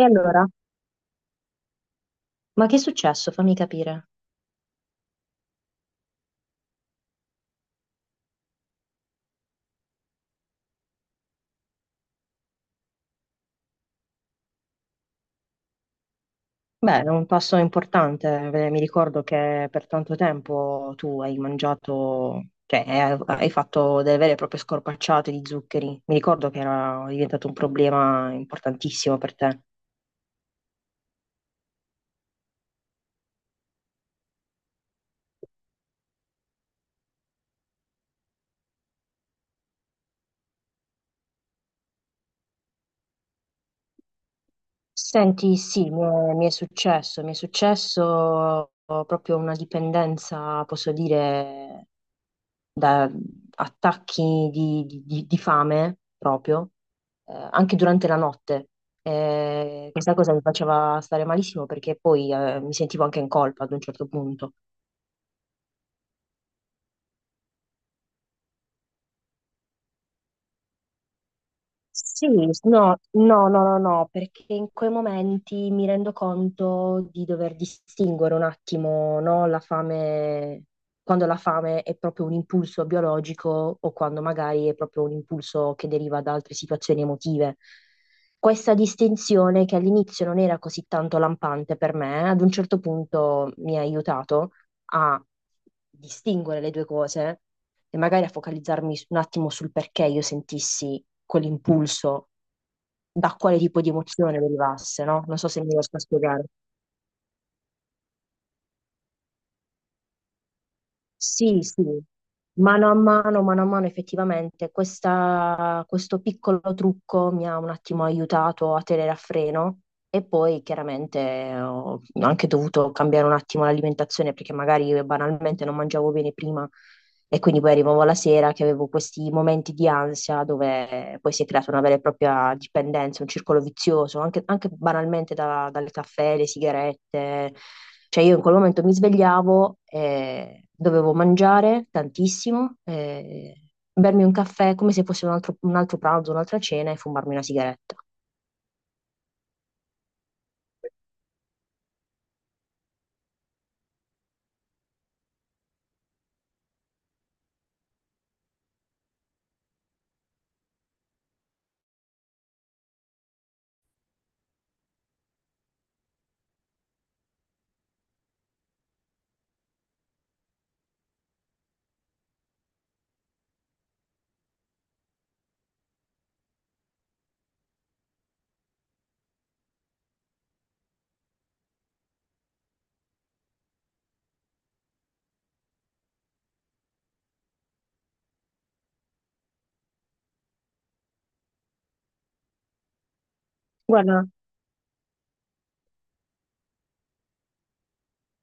E allora, ma che è successo? Fammi capire. Beh, è un passo importante. Mi ricordo che per tanto tempo tu hai mangiato, hai fatto delle vere e proprie scorpacciate di zuccheri. Mi ricordo che era diventato un problema importantissimo per te. Senti, sì, mi è successo proprio una dipendenza, posso dire, da attacchi di fame proprio, anche durante la notte. Questa cosa mi faceva stare malissimo perché poi mi sentivo anche in colpa ad un certo punto. Sì, no, no, no, no, no, perché in quei momenti mi rendo conto di dover distinguere un attimo, no, la fame, quando la fame è proprio un impulso biologico o quando magari è proprio un impulso che deriva da altre situazioni emotive. Questa distinzione, che all'inizio non era così tanto lampante per me, ad un certo punto mi ha aiutato a distinguere le due cose e magari a focalizzarmi un attimo sul perché io sentissi quell'impulso, da quale tipo di emozione derivasse, no? Non so se mi riesco a spiegare. Sì, sì, mano a mano, effettivamente, questo piccolo trucco mi ha un attimo aiutato a tenere a freno. E poi chiaramente ho anche dovuto cambiare un attimo l'alimentazione perché magari io banalmente non mangiavo bene prima. E quindi poi arrivavo la sera che avevo questi momenti di ansia dove poi si è creata una vera e propria dipendenza, un circolo vizioso, anche, anche banalmente dal caffè, le sigarette. Cioè io in quel momento mi svegliavo e dovevo mangiare tantissimo, e bermi un caffè come se fosse un altro pranzo, un'altra cena e fumarmi una sigaretta. Guarda,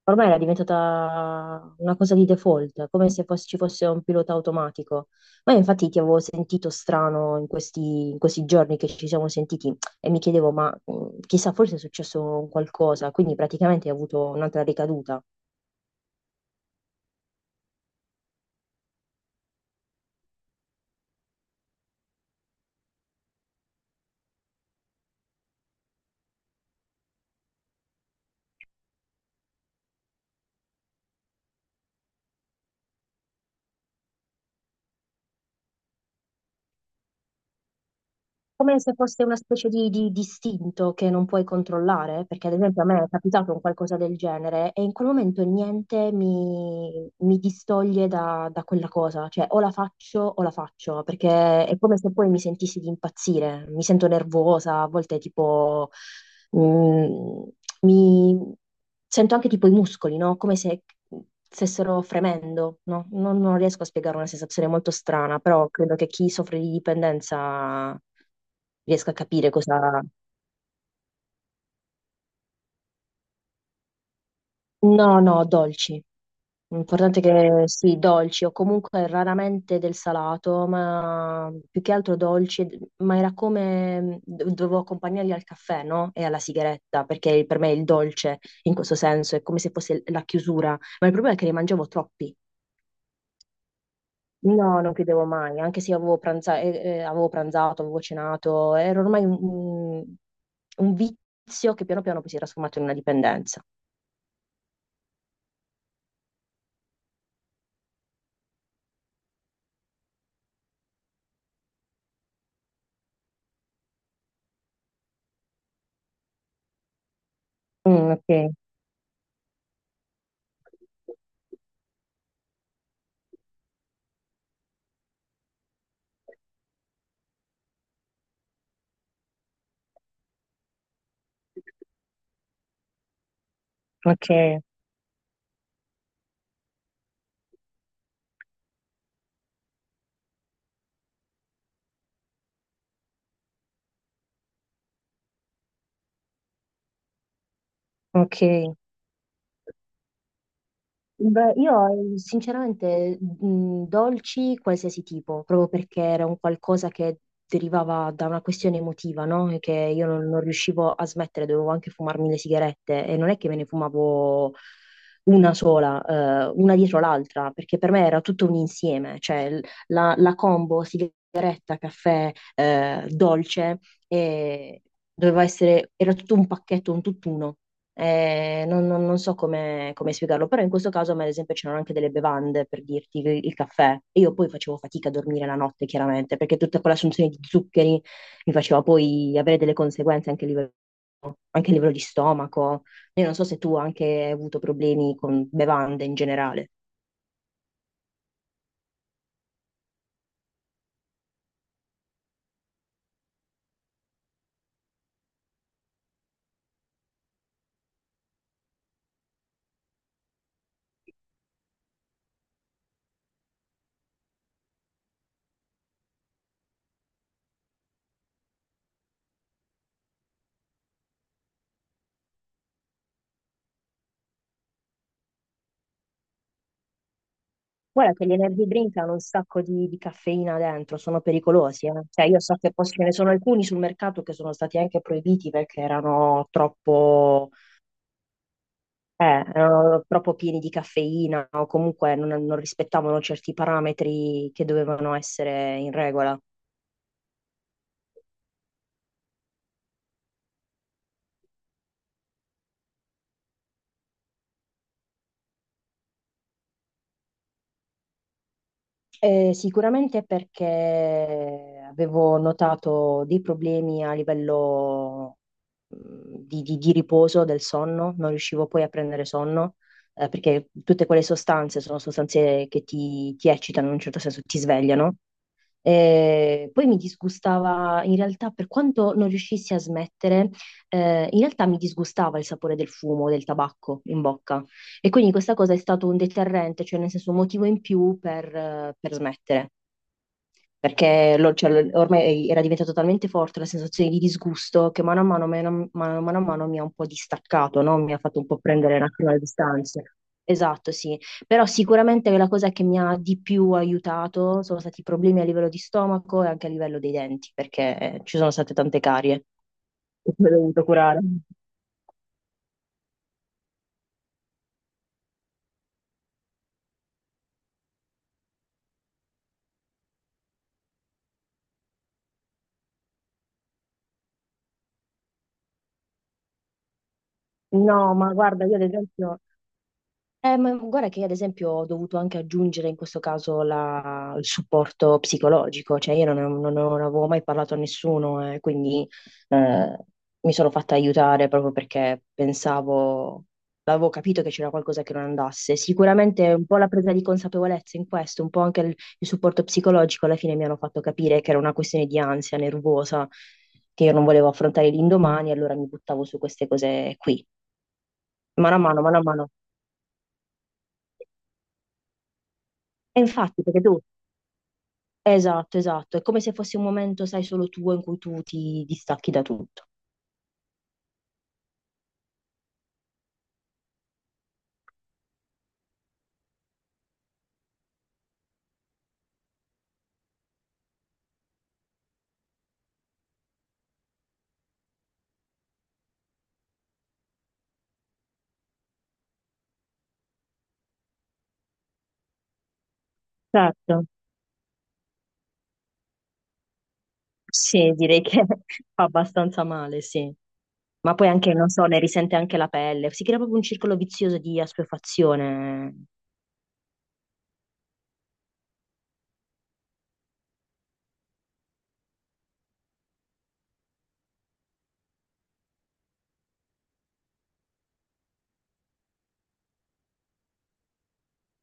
ormai era diventata una cosa di default, come se fosse- ci fosse un pilota automatico. Ma io infatti ti avevo sentito strano in questi giorni che ci siamo sentiti e mi chiedevo, ma chissà, forse è successo qualcosa, quindi praticamente hai avuto un'altra ricaduta. Come se fosse una specie di distinto che non puoi controllare, perché ad esempio a me è capitato un qualcosa del genere e in quel momento niente mi distoglie da, da quella cosa, cioè o la faccio, perché è come se poi mi sentissi di impazzire, mi sento nervosa, a volte tipo... mm, mi sento anche tipo i muscoli, no? Come se stessero fremendo, no? Non, non riesco a spiegare una sensazione molto strana, però credo che chi soffre di dipendenza riesca a capire cosa... No, no, dolci. L'importante è che sì, dolci o comunque raramente del salato, ma più che altro dolci, ma era come dovevo accompagnarli al caffè, no? E alla sigaretta, perché per me il dolce in questo senso è come se fosse la chiusura, ma il problema è che ne mangiavo troppi. No, non chiudevo mai, anche se io avevo pranzato, avevo cenato, era ormai un vizio che piano piano poi si è trasformato in una dipendenza. Mm, ok, ok, ok. Beh, io sinceramente dolci qualsiasi tipo, proprio perché era un qualcosa che derivava da una questione emotiva, no? E Che io non, non riuscivo a smettere, dovevo anche fumarmi le sigarette e non è che me ne fumavo una sola, una dietro l'altra, perché per me era tutto un insieme, la, la combo sigaretta, caffè, dolce, e era tutto un pacchetto, un tutt'uno. Non so come, come spiegarlo, però in questo caso a me, ad esempio, c'erano anche delle bevande per dirti il caffè. E io poi facevo fatica a dormire la notte, chiaramente, perché tutta quell'assunzione di zuccheri mi faceva poi avere delle conseguenze anche a livello di stomaco. Io non so se tu anche hai avuto problemi con bevande in generale. Guarda che gli energy drink hanno un sacco di caffeina dentro, sono pericolosi, eh. Cioè io so che poi ce ne sono alcuni sul mercato che sono stati anche proibiti perché erano troppo. Erano troppo pieni di caffeina o comunque non, non rispettavano certi parametri che dovevano essere in regola. Sicuramente perché avevo notato dei problemi a livello mh, di, di riposo del sonno, non riuscivo poi a prendere sonno, perché tutte quelle sostanze sono sostanze che ti eccitano in un certo senso, ti svegliano. Poi mi disgustava, in realtà, per quanto non riuscissi a smettere, in realtà mi disgustava il sapore del fumo, del tabacco in bocca. E quindi questa cosa è stato un deterrente, cioè nel senso un motivo in più per smettere perché ormai era diventata talmente forte la sensazione di disgusto che mano a mano mi ha un po' distaccato, no? Mi ha fatto un po' prendere un attimo le distanze. Esatto, sì. Però sicuramente la cosa che mi ha di più aiutato sono stati i problemi a livello di stomaco e anche a livello dei denti, perché ci sono state tante carie che ho dovuto curare. No, ma guarda, io ad esempio... ma guarda che io, ad esempio ho dovuto anche aggiungere in questo caso il supporto psicologico, cioè io non avevo mai parlato a nessuno e quindi eh, mi sono fatta aiutare proprio perché pensavo, avevo capito che c'era qualcosa che non andasse. Sicuramente un po' la presa di consapevolezza in questo, un po' anche il supporto psicologico alla fine mi hanno fatto capire che era una questione di ansia nervosa, che io non volevo affrontare l'indomani, allora mi buttavo su queste cose qui, mano a mano, mano a mano. E infatti, perché tu... Esatto, esatto. È come se fosse un momento, sai, solo tuo in cui tu ti distacchi da tutto. Certo, sì, direi che fa abbastanza male, sì. Ma poi anche, non so, ne risente anche la pelle. Si crea proprio un circolo vizioso di assuefazione.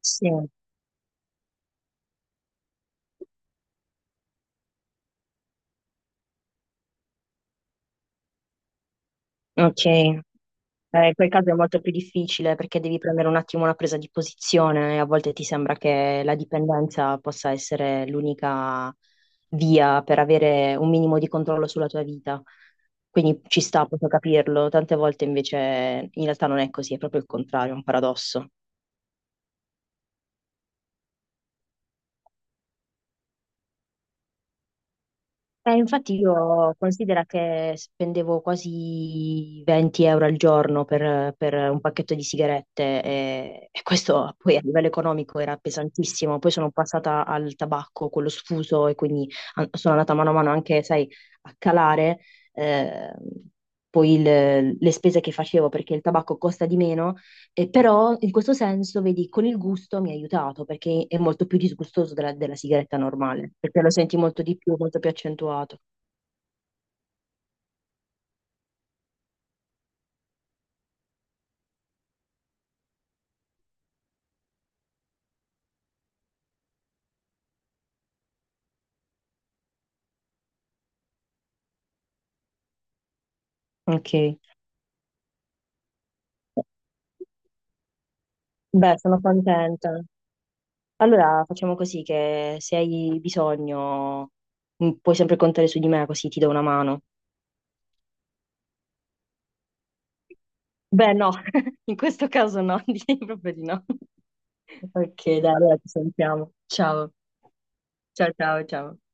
Sì. Ok. In quel caso è molto più difficile perché devi prendere un attimo una presa di posizione e a volte ti sembra che la dipendenza possa essere l'unica via per avere un minimo di controllo sulla tua vita. Quindi ci sta, posso capirlo. Tante volte invece in realtà non è così, è proprio il contrario, è un paradosso. Infatti io considero che spendevo quasi 20 euro al giorno per un pacchetto di sigarette e questo poi a livello economico era pesantissimo. Poi sono passata al tabacco, quello sfuso, e quindi sono andata mano a mano anche, sai, a calare eh, poi le spese che facevo perché il tabacco costa di meno e però in questo senso, vedi, con il gusto mi ha aiutato perché è molto più disgustoso della, della sigaretta normale, perché lo senti molto di più, molto più accentuato. Ok, beh, sono contenta. Allora facciamo così che se hai bisogno puoi sempre contare su di me così ti do una mano. Beh, no, in questo caso no, direi proprio di no. Ok, dai, allora ci sentiamo. Ciao, ciao, ciao, ciao.